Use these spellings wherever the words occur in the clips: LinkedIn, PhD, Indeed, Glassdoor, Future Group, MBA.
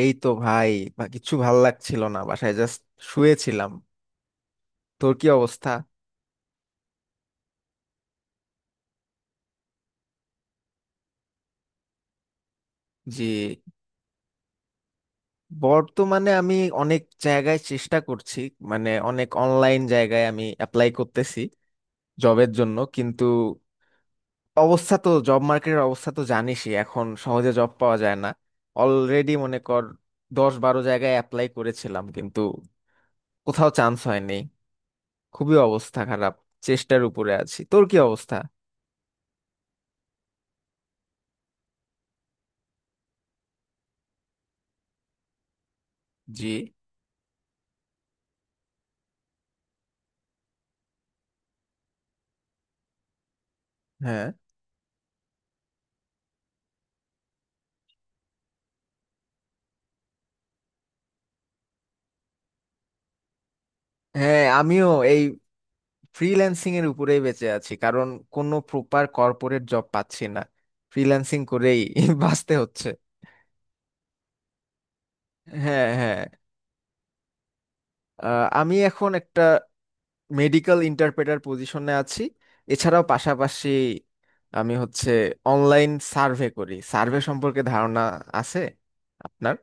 এই তো ভাই, বা কিছু ভাল লাগছিল না, বাসায় জাস্ট শুয়েছিলাম। তোর কি অবস্থা? জি, বর্তমানে আমি অনেক জায়গায় চেষ্টা করছি, মানে অনেক অনলাইন জায়গায় আমি অ্যাপ্লাই করতেছি জবের জন্য। কিন্তু অবস্থা তো, জব মার্কেটের অবস্থা তো জানিসই, এখন সহজে জব পাওয়া যায় না। অলরেডি মনে কর 10-12 জায়গায় অ্যাপ্লাই করেছিলাম, কিন্তু কোথাও চান্স হয়নি। খুবই অবস্থা খারাপ। চেষ্টার উপরে আছি। তোর কি অবস্থা? জি। হ্যাঁ হ্যাঁ, আমিও এই ফ্রিল্যান্সিং এর উপরেই বেঁচে আছি, কারণ কোনো প্রপার কর্পোরেট জব পাচ্ছি না। ফ্রিল্যান্সিং করেই বাঁচতে হচ্ছে। হ্যাঁ হ্যাঁ। আমি এখন একটা মেডিকেল ইন্টারপ্রেটার পজিশনে আছি। এছাড়াও পাশাপাশি আমি হচ্ছে অনলাইন সার্ভে করি। সার্ভে সম্পর্কে ধারণা আছে আপনার?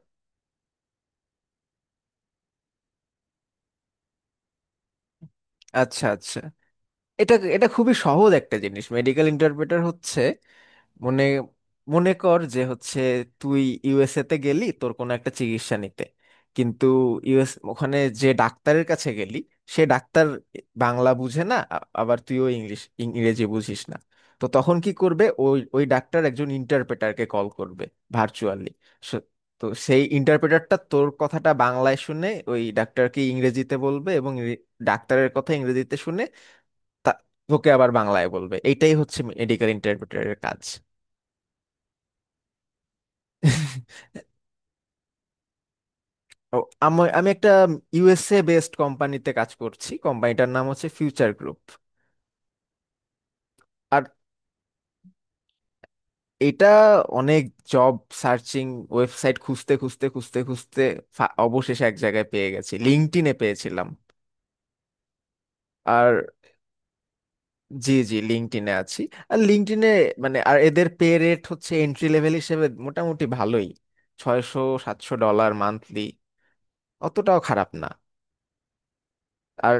আচ্ছা আচ্ছা। এটা এটা খুবই সহজ একটা জিনিস। মেডিকেল ইন্টারপ্রেটার হচ্ছে, মনে মনে কর যে হচ্ছে তুই ইউএসএ তে গেলি তোর কোনো একটা চিকিৎসা নিতে। কিন্তু ইউএস, ওখানে যে ডাক্তারের কাছে গেলি, সে ডাক্তার বাংলা বুঝে না, আবার তুইও ইংলিশ, ইংরেজি বুঝিস না। তো তখন কি করবে? ওই ওই ডাক্তার একজন ইন্টারপ্রেটারকে কল করবে ভার্চুয়ালি। তো সেই ইন্টারপ্রেটারটা তোর কথাটা বাংলায় শুনে ওই ডাক্তারকে ইংরেজিতে বলবে, এবং ডাক্তারের কথা ইংরেজিতে শুনে তা- তোকে আবার বাংলায় বলবে। এইটাই হচ্ছে মেডিকেল ইন্টারপ্রেটারের কাজ। ও, আমি একটা ইউএসএ বেসড কোম্পানিতে কাজ করছি। কোম্পানিটার নাম হচ্ছে ফিউচার গ্রুপ। আর এটা অনেক জব সার্চিং ওয়েবসাইট খুঁজতে খুঁজতে খুঁজতে খুঁজতে অবশেষে এক জায়গায় পেয়ে গেছি, লিঙ্কডইনে পেয়েছিলাম। আর জি জি, লিঙ্কডইনে আছি। আর লিঙ্কডইনে মানে, আর এদের পে রেট হচ্ছে এন্ট্রি লেভেল হিসেবে মোটামুটি ভালোই, 600-700 ডলার মান্থলি। অতটাও খারাপ না। আর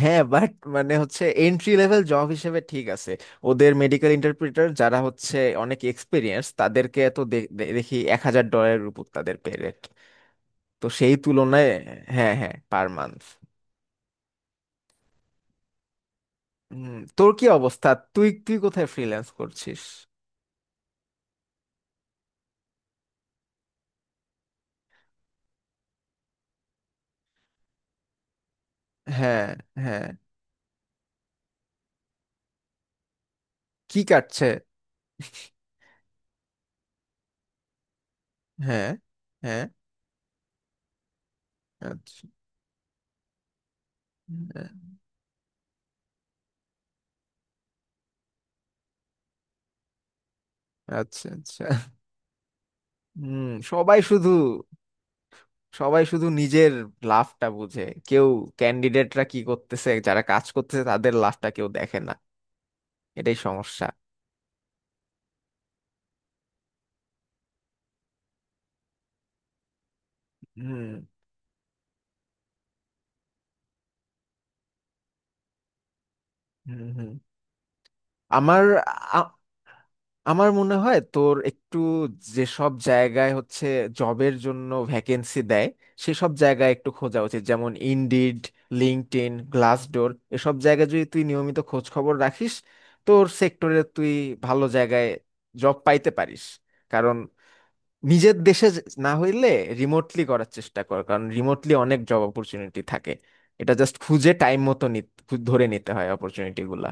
হ্যাঁ, বাট মানে হচ্ছে এন্ট্রি লেভেল জব হিসেবে ঠিক আছে। ওদের মেডিকেল ইন্টারপ্রিটার যারা হচ্ছে অনেক এক্সপিরিয়েন্স, তাদেরকে তো দে- দে- দেখি 1000 ডলারের উপর তাদের পে রেট। তো সেই তুলনায়। হ্যাঁ হ্যাঁ, পার মান্থ। হুম। তোর কি অবস্থা? তুই তুই কোথায় ফ্রিল্যান্স করছিস? হ্যাঁ হ্যাঁ। কি কাটছে? হ্যাঁ হ্যাঁ। আচ্ছা। হ্যাঁ। আচ্ছা আচ্ছা। হুম। সবাই শুধু নিজের লাভটা বুঝে। কেউ, ক্যান্ডিডেটরা কি করতেছে, যারা কাজ করতেছে তাদের লাভটা কেউ দেখে না। এটাই সমস্যা। হুম হুম হুম। আমার আ- আমার মনে হয় তোর একটু, যেসব জায়গায় হচ্ছে জবের জন্য ভ্যাকেন্সি দেয়, সেসব জায়গায় একটু খোঁজা উচিত। যেমন ইনডিড, লিঙ্কডইন, গ্লাসডোর, এসব জায়গায় যদি তুই নিয়মিত খোঁজ খবর রাখিস, তোর সেক্টরে তুই ভালো জায়গায় জব পাইতে পারিস। কারণ নিজের দেশে না হইলে রিমোটলি করার চেষ্টা কর, কারণ রিমোটলি অনেক জব অপরচুনিটি থাকে। এটা জাস্ট খুঁজে টাইম মতো ধরে নিতে হয় অপরচুনিটি গুলা।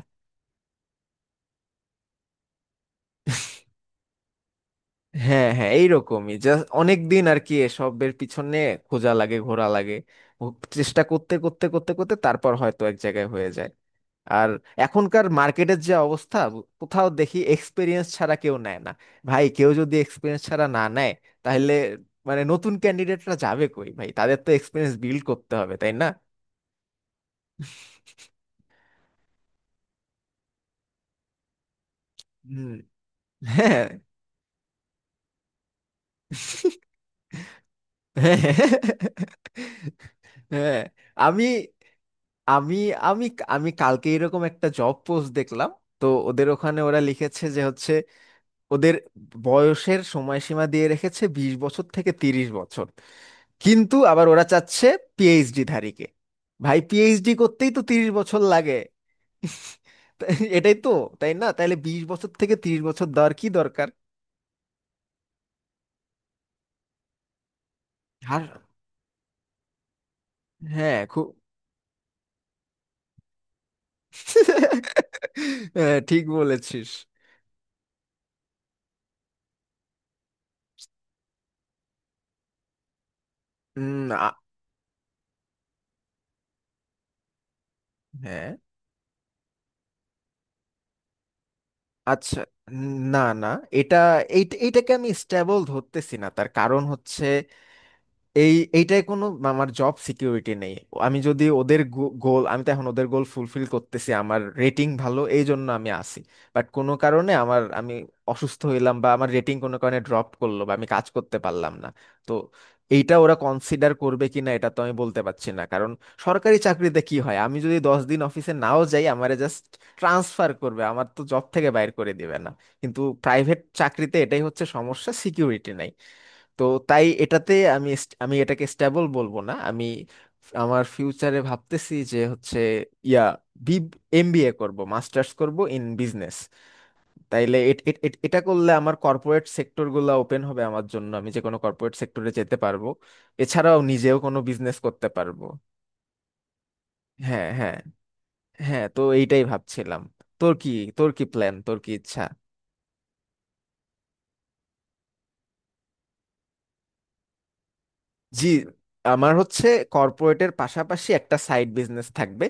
হ্যাঁ হ্যাঁ, এইরকমই। জাস্ট অনেক দিন আর কি এসবের পিছনে খোঁজা লাগে, ঘোরা লাগে। ও, চেষ্টা করতে করতে করতে করতে তারপর হয়তো এক জায়গায় হয়ে যায়। আর এখনকার মার্কেটের যে অবস্থা, কোথাও দেখি এক্সপিরিয়েন্স ছাড়া কেউ নেয় না। ভাই, কেউ যদি এক্সপিরিয়েন্স ছাড়া না নেয়, তাহলে মানে নতুন ক্যান্ডিডেটরা যাবে কই ভাই? তাদের তো এক্সপিরিয়েন্স বিল্ড করতে হবে, তাই না? হুম। হ্যাঁ হ্যাঁ। আমি আমি আমি আমি কালকে এরকম একটা জব পোস্ট দেখলাম। তো ওদের ওখানে ওরা লিখেছে যে হচ্ছে, ওদের বয়সের সময়সীমা দিয়ে রেখেছে 20 বছর থেকে 30 বছর। কিন্তু আবার ওরা চাচ্ছে পিএইচডি ধারীকে। ভাই, পিএইচডি করতেই তো 30 বছর লাগে। তা- এটাই তো। তাই না? তাহলে 20 বছর থেকে তিরিশ বছর দেওয়ার কি দরকার? আর হ্যাঁ, খুব। হ্যাঁ, ঠিক বলেছিস। উম, আ- হ্যাঁ। আচ্ছা, না না। এটা, এইটাকে আমি স্ট্যাবল ধরতেছি না। তার কারণ হচ্ছে, এইটাই কোনো, আমার জব সিকিউরিটি নেই। আমি যদি ওদের গোল, আমি তো এখন ওদের গোল ফুলফিল করতেছি, আমার রেটিং ভালো, এই জন্য আমি আসি। বাট কোনো কারণে আমার, আমি অসুস্থ হইলাম, বা আমার রেটিং কোনো কারণে ড্রপ করলো, বা আমি কাজ করতে পারলাম না, তো এইটা ওরা কনসিডার করবে কিনা এটা তো আমি বলতে পারছি না। কারণ সরকারি চাকরিতে কি হয়, আমি যদি 10 দিন অফিসে নাও যাই আমারে জাস্ট ট্রান্সফার করবে, আমার তো জব থেকে বাইর করে দিবে না। কিন্তু প্রাইভেট চাকরিতে এটাই হচ্ছে সমস্যা, সিকিউরিটি নাই। তো তাই এটাতে আমি আমি এটাকে স্টেবল বলবো না। আমি আমার ফিউচারে ভাবতেছি যে হচ্ছে, ইয়া বি, এমবিএ করব, মাস্টার্স করব ইন বিজনেস। তাইলে এটা করলে আমার কর্পোরেট সেক্টরগুলো ওপেন হবে আমার জন্য, আমি যে কোনো কর্পোরেট সেক্টরে যেতে পারবো। এছাড়াও নিজেও কোনো বিজনেস করতে পারবো। হ্যাঁ হ্যাঁ হ্যাঁ, তো এইটাই ভাবছিলাম। তোর কি তোর কি প্ল্যান, তোর কি ইচ্ছা? জি। আমার হচ্ছে কর্পোরেটের পাশাপাশি একটা সাইড বিজনেস থাকবে।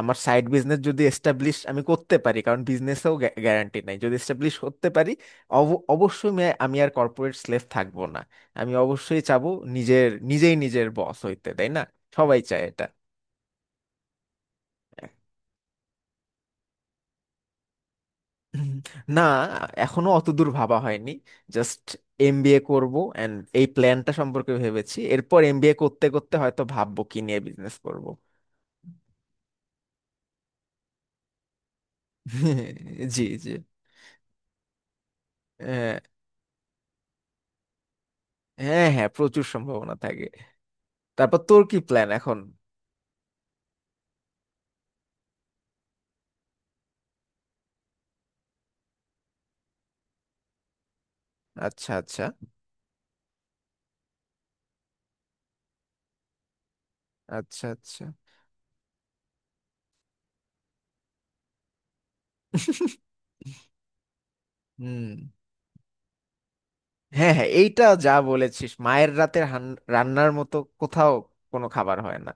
আমার সাইড বিজনেস যদি এস্টাবলিশ আমি করতে পারি, কারণ বিজনেসেও গ্যারান্টি নাই, যদি এস্টাবলিশ করতে পারি, অবশ্যই আমি আমি আর কর্পোরেট স্লেভ থাকবো না। আমি অবশ্যই চাবো নিজের, নিজেই নিজের বস হইতে, তাই না? সবাই চায় এটা। হুম, না, এখনো অত দূর ভাবা হয়নি। জাস্ট এমবিএ করব এন্ড এই প্ল্যানটা সম্পর্কে ভেবেছি। এরপর এমবিএ করতে করতে হয়তো ভাববো কি নিয়ে বিজনেস করব। জি জি। আহ, হ্যাঁ হ্যাঁ, প্রচুর সম্ভাবনা থাকে। তারপর তোর কি প্ল্যান এখন? আচ্ছা আচ্ছা। আচ্ছা আচ্ছা। হুম। হ্যাঁ হ্যাঁ, এইটা যা বলেছিস, মায়ের রান্নার মতো কোথাও কোনো খাবার হয় না।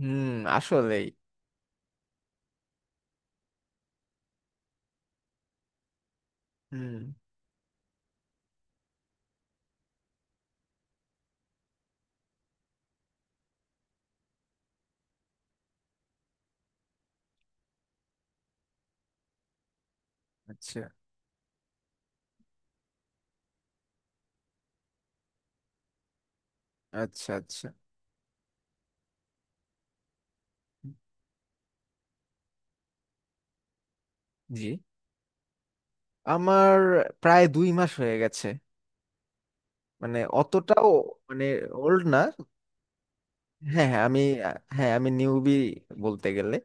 হুম, আসলেই। হুম। আচ্ছা আচ্ছা। আচ্ছা। জি। আমার প্রায় 2 মাস হয়ে গেছে। মানে অতটাও মানে ওল্ড না। হ্যাঁ হ্যাঁ, আমি। হ্যাঁ, আমি নিউবি বলতে গেলে।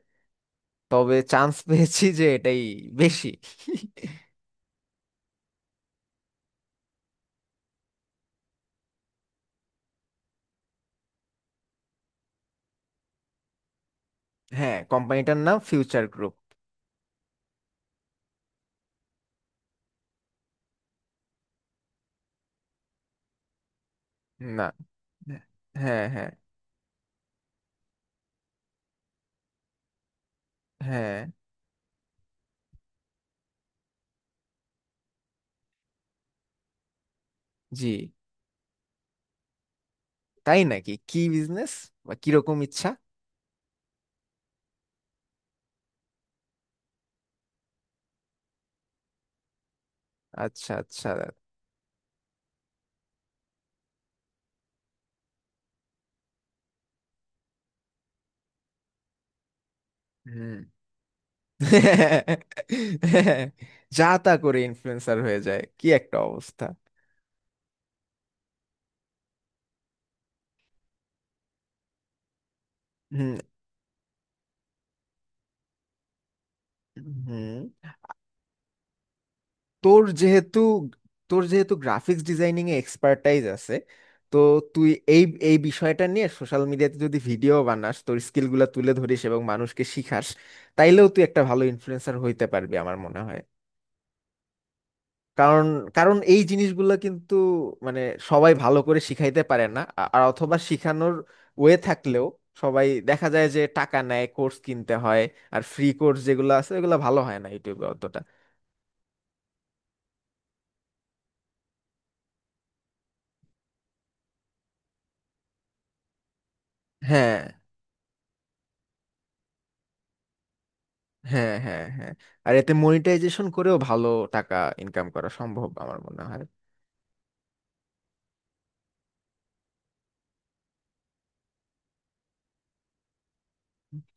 তবে চান্স পেয়েছি যে এটাই বেশি। হ্যাঁ, কোম্পানিটার নাম ফিউচার গ্রুপ। না। হ্যাঁ হ্যাঁ হ্যাঁ। জি। তাই নাকি? কি বিজনেস, বা কিরকম ইচ্ছা? আচ্ছা আচ্ছা। হুম। যা তা করে ইনফ্লুয়েন্সার হয়ে যায়, কি একটা অবস্থা! হুম। হুম। তোর যেহেতু তোর যেহেতু গ্রাফিক্স ডিজাইনিং এ এক্সপার্টাইজ আছে, তো তুই এই এই বিষয়টা নিয়ে সোশ্যাল মিডিয়াতে যদি ভিডিও বানাস, তোর স্কিলগুলো তুলে ধরিস এবং মানুষকে শিখাস, তাইলেও তুই একটা ভালো ইনফ্লুয়েন্সার হইতে পারবি আমার মনে হয়। কারণ, কারণ এই জিনিসগুলো কিন্তু মানে সবাই ভালো করে শিখাইতে পারে না। আর অথবা শিখানোর ওয়ে থাকলেও সবাই দেখা যায় যে টাকা নেয়, কোর্স কিনতে হয়। আর ফ্রি কোর্স যেগুলো আছে ওগুলো ভালো হয় না ইউটিউবে অতটা। হ্যাঁ হ্যাঁ হ্যাঁ। হ্যাঁ, আর এতে মনিটাইজেশন করেও ভালো টাকা ইনকাম করা সম্ভব আমার মনে হয়।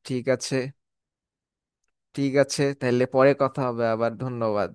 ঠিক আছে। ঠিক আছে, তাহলে পরে কথা হবে আবার। ধন্যবাদ।